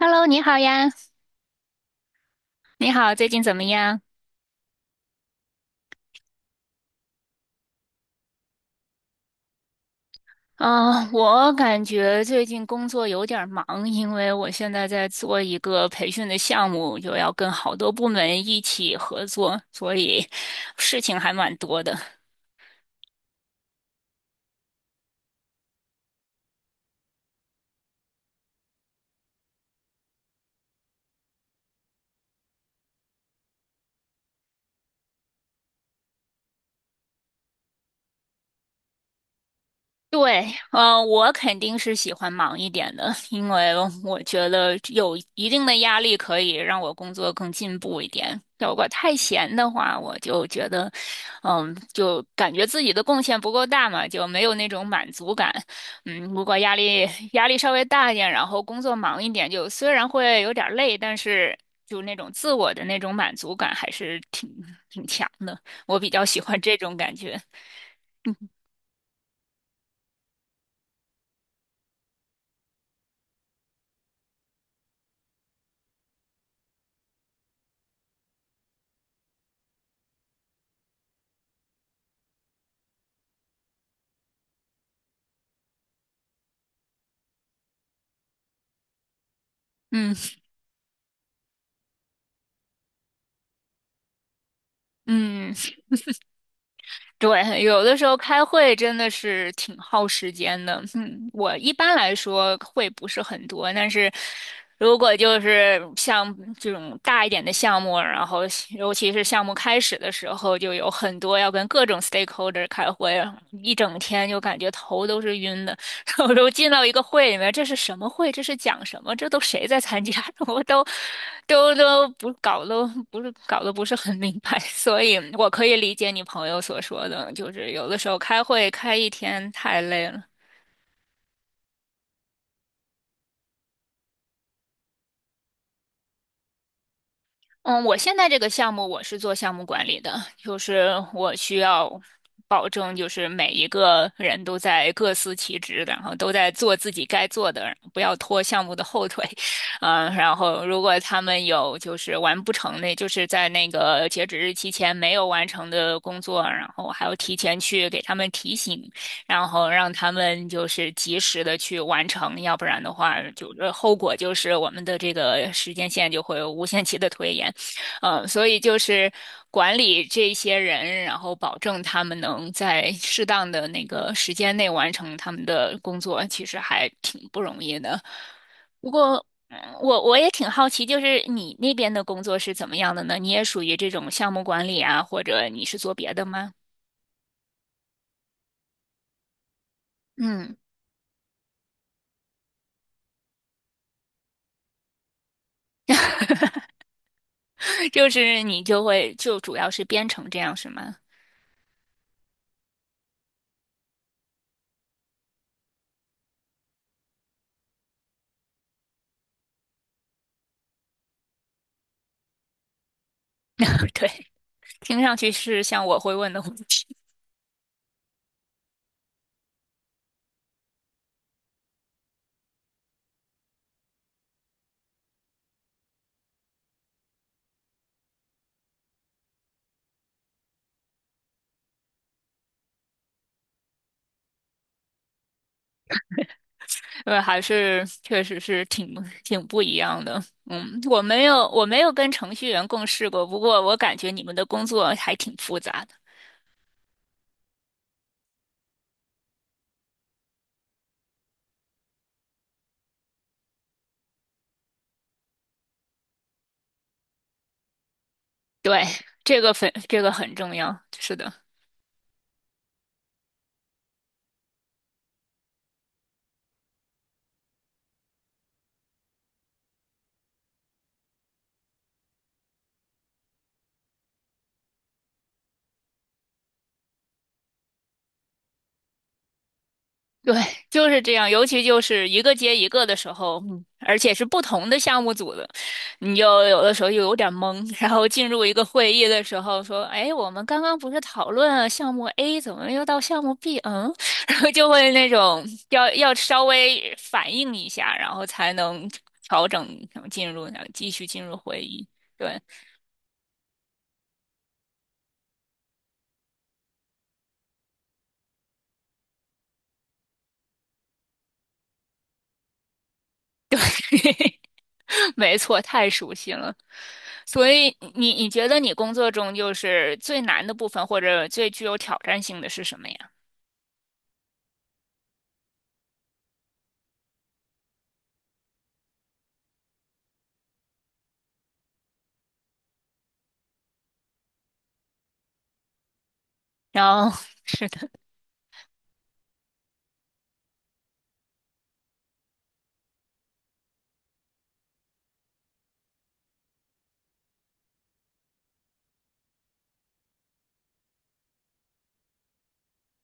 Hello，你好呀，你好，最近怎么样？我感觉最近工作有点儿忙，因为我现在在做一个培训的项目，又要跟好多部门一起合作，所以事情还蛮多的。对，我肯定是喜欢忙一点的，因为我觉得有一定的压力可以让我工作更进步一点。如果太闲的话，我就觉得，嗯，就感觉自己的贡献不够大嘛，就没有那种满足感。嗯，如果压力稍微大一点，然后工作忙一点，就虽然会有点儿累，但是就那种自我的那种满足感还是挺强的。我比较喜欢这种感觉。嗯嗯。对，有的时候开会真的是挺耗时间的。嗯，我一般来说会不是很多，但是如果就是像这种大一点的项目，然后尤其是项目开始的时候，就有很多要跟各种 stakeholder 开会，一整天就感觉头都是晕的。我都进到一个会里面，这是什么会？这是讲什么？这都谁在参加？我都都都不搞都不是搞得不是很明白，所以我可以理解你朋友所说的，就是有的时候开会开一天太累了。嗯，我现在这个项目我是做项目管理的，就是我需要保证，就是每一个人都在各司其职，然后都在做自己该做的，不要拖项目的后腿。嗯，然后如果他们有就是完不成的，就是在那个截止日期前没有完成的工作，然后我还要提前去给他们提醒，然后让他们就是及时的去完成，要不然的话，就是后果就是我们的这个时间线就会无限期的推延。嗯，所以就是管理这些人，然后保证他们能在适当的那个时间内完成他们的工作，其实还挺不容易的。不过，嗯我也挺好奇，就是你那边的工作是怎么样的呢？你也属于这种项目管理啊，或者你是做别的吗？嗯，就是你就会就主要是编程这样是吗？对，听上去是像我会问的问题。对，还是确实是挺不一样的。嗯，我没有跟程序员共事过，不过我感觉你们的工作还挺复杂的。对，这个很重要。是的。对，就是这样，尤其就是一个接一个的时候，嗯而且是不同的项目组的，你就有的时候又有点懵。然后进入一个会议的时候，说：“哎，我们刚刚不是讨论了项目 A，怎么又到项目 B？” 嗯，然后就会那种要稍微反应一下，然后才能调整，然后进入，然后继续进入会议。对，没错，太熟悉了。所以你觉得你工作中就是最难的部分，或者最具有挑战性的是什么呀？然后 是的，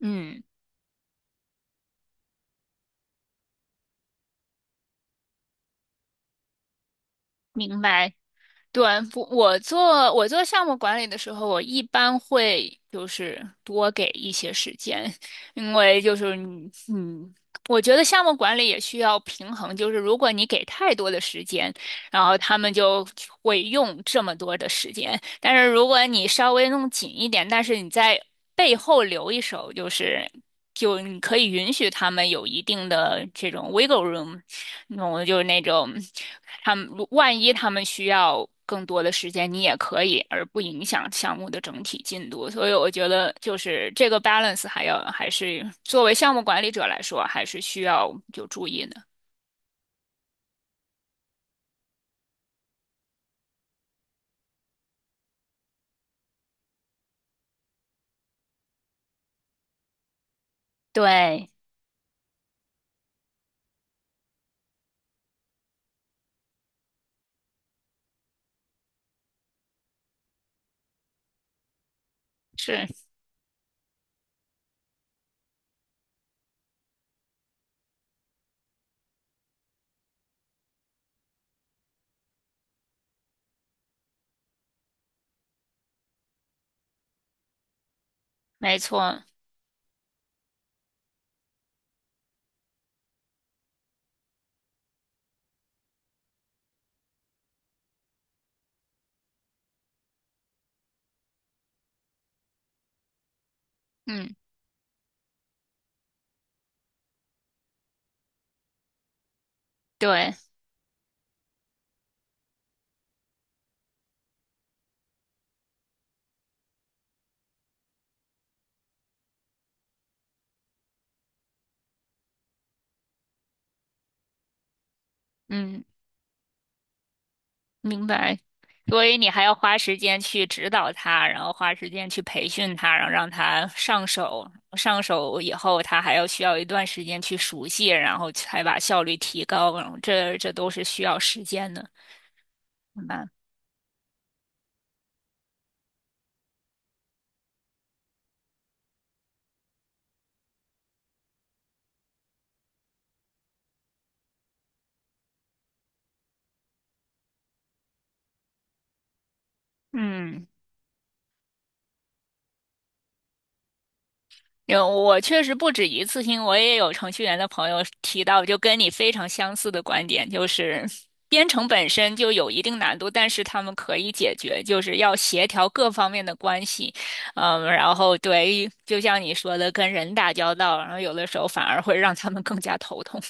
嗯，明白。对，不，我做项目管理的时候，我一般会就是多给一些时间，因为就是你嗯，我觉得项目管理也需要平衡，就是如果你给太多的时间，然后他们就会用这么多的时间。但是如果你稍微弄紧一点，但是你在背后留一手，就是就你可以允许他们有一定的这种 wiggle room，那种就是那种他们万一他们需要。更多的时间你也可以，而不影响项目的整体进度。所以我觉得，就是这个 balance 还是作为项目管理者来说，还是需要有注意的。对，是没错，嗯。对，嗯，明白。所以你还要花时间去指导他，然后花时间去培训他，然后让他上手。上手以后，他还要需要一段时间去熟悉，然后才把效率提高。然后这都是需要时间的，明白？嗯，有，我确实不止一次性，我也有程序员的朋友提到，就跟你非常相似的观点，就是编程本身就有一定难度，但是他们可以解决，就是要协调各方面的关系，嗯，然后对，就像你说的，跟人打交道，然后有的时候反而会让他们更加头痛，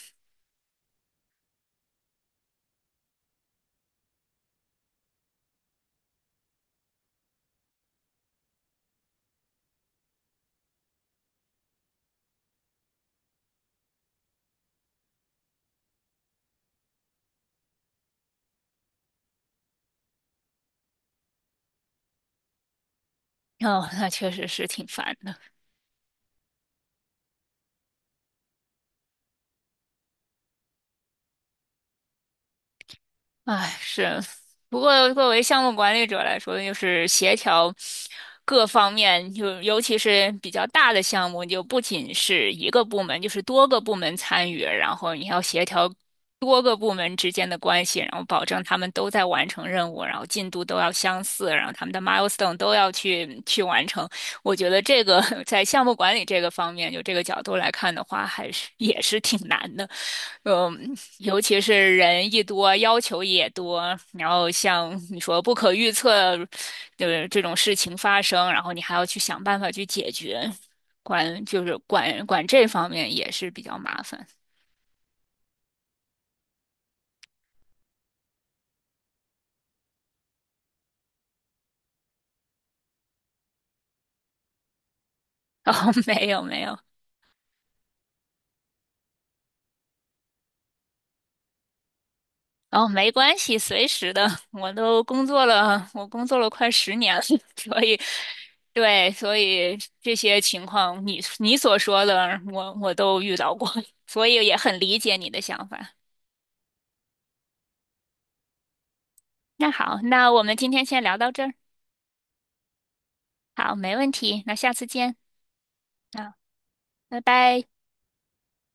哦，那确实是挺烦的。唉，是。不过作为项目管理者来说，就是协调各方面，就尤其是比较大的项目，就不仅是一个部门，就是多个部门参与，然后你要协调多个部门之间的关系，然后保证他们都在完成任务，然后进度都要相似，然后他们的 milestone 都要去完成。我觉得这个 在项目管理这个方面，就这个角度来看的话，还是也是挺难的。嗯，尤其是人一多，要求也多，然后像你说不可预测的这种事情发生，然后你还要去想办法去解决，管这方面也是比较麻烦。然后没有，然后没关系，随时的，我工作了快10年了，所以对，所以这些情况你你所说的，我都遇到过，所以也很理解你的想法。那好，那我们今天先聊到这儿。好，没问题，那下次见啊，拜拜。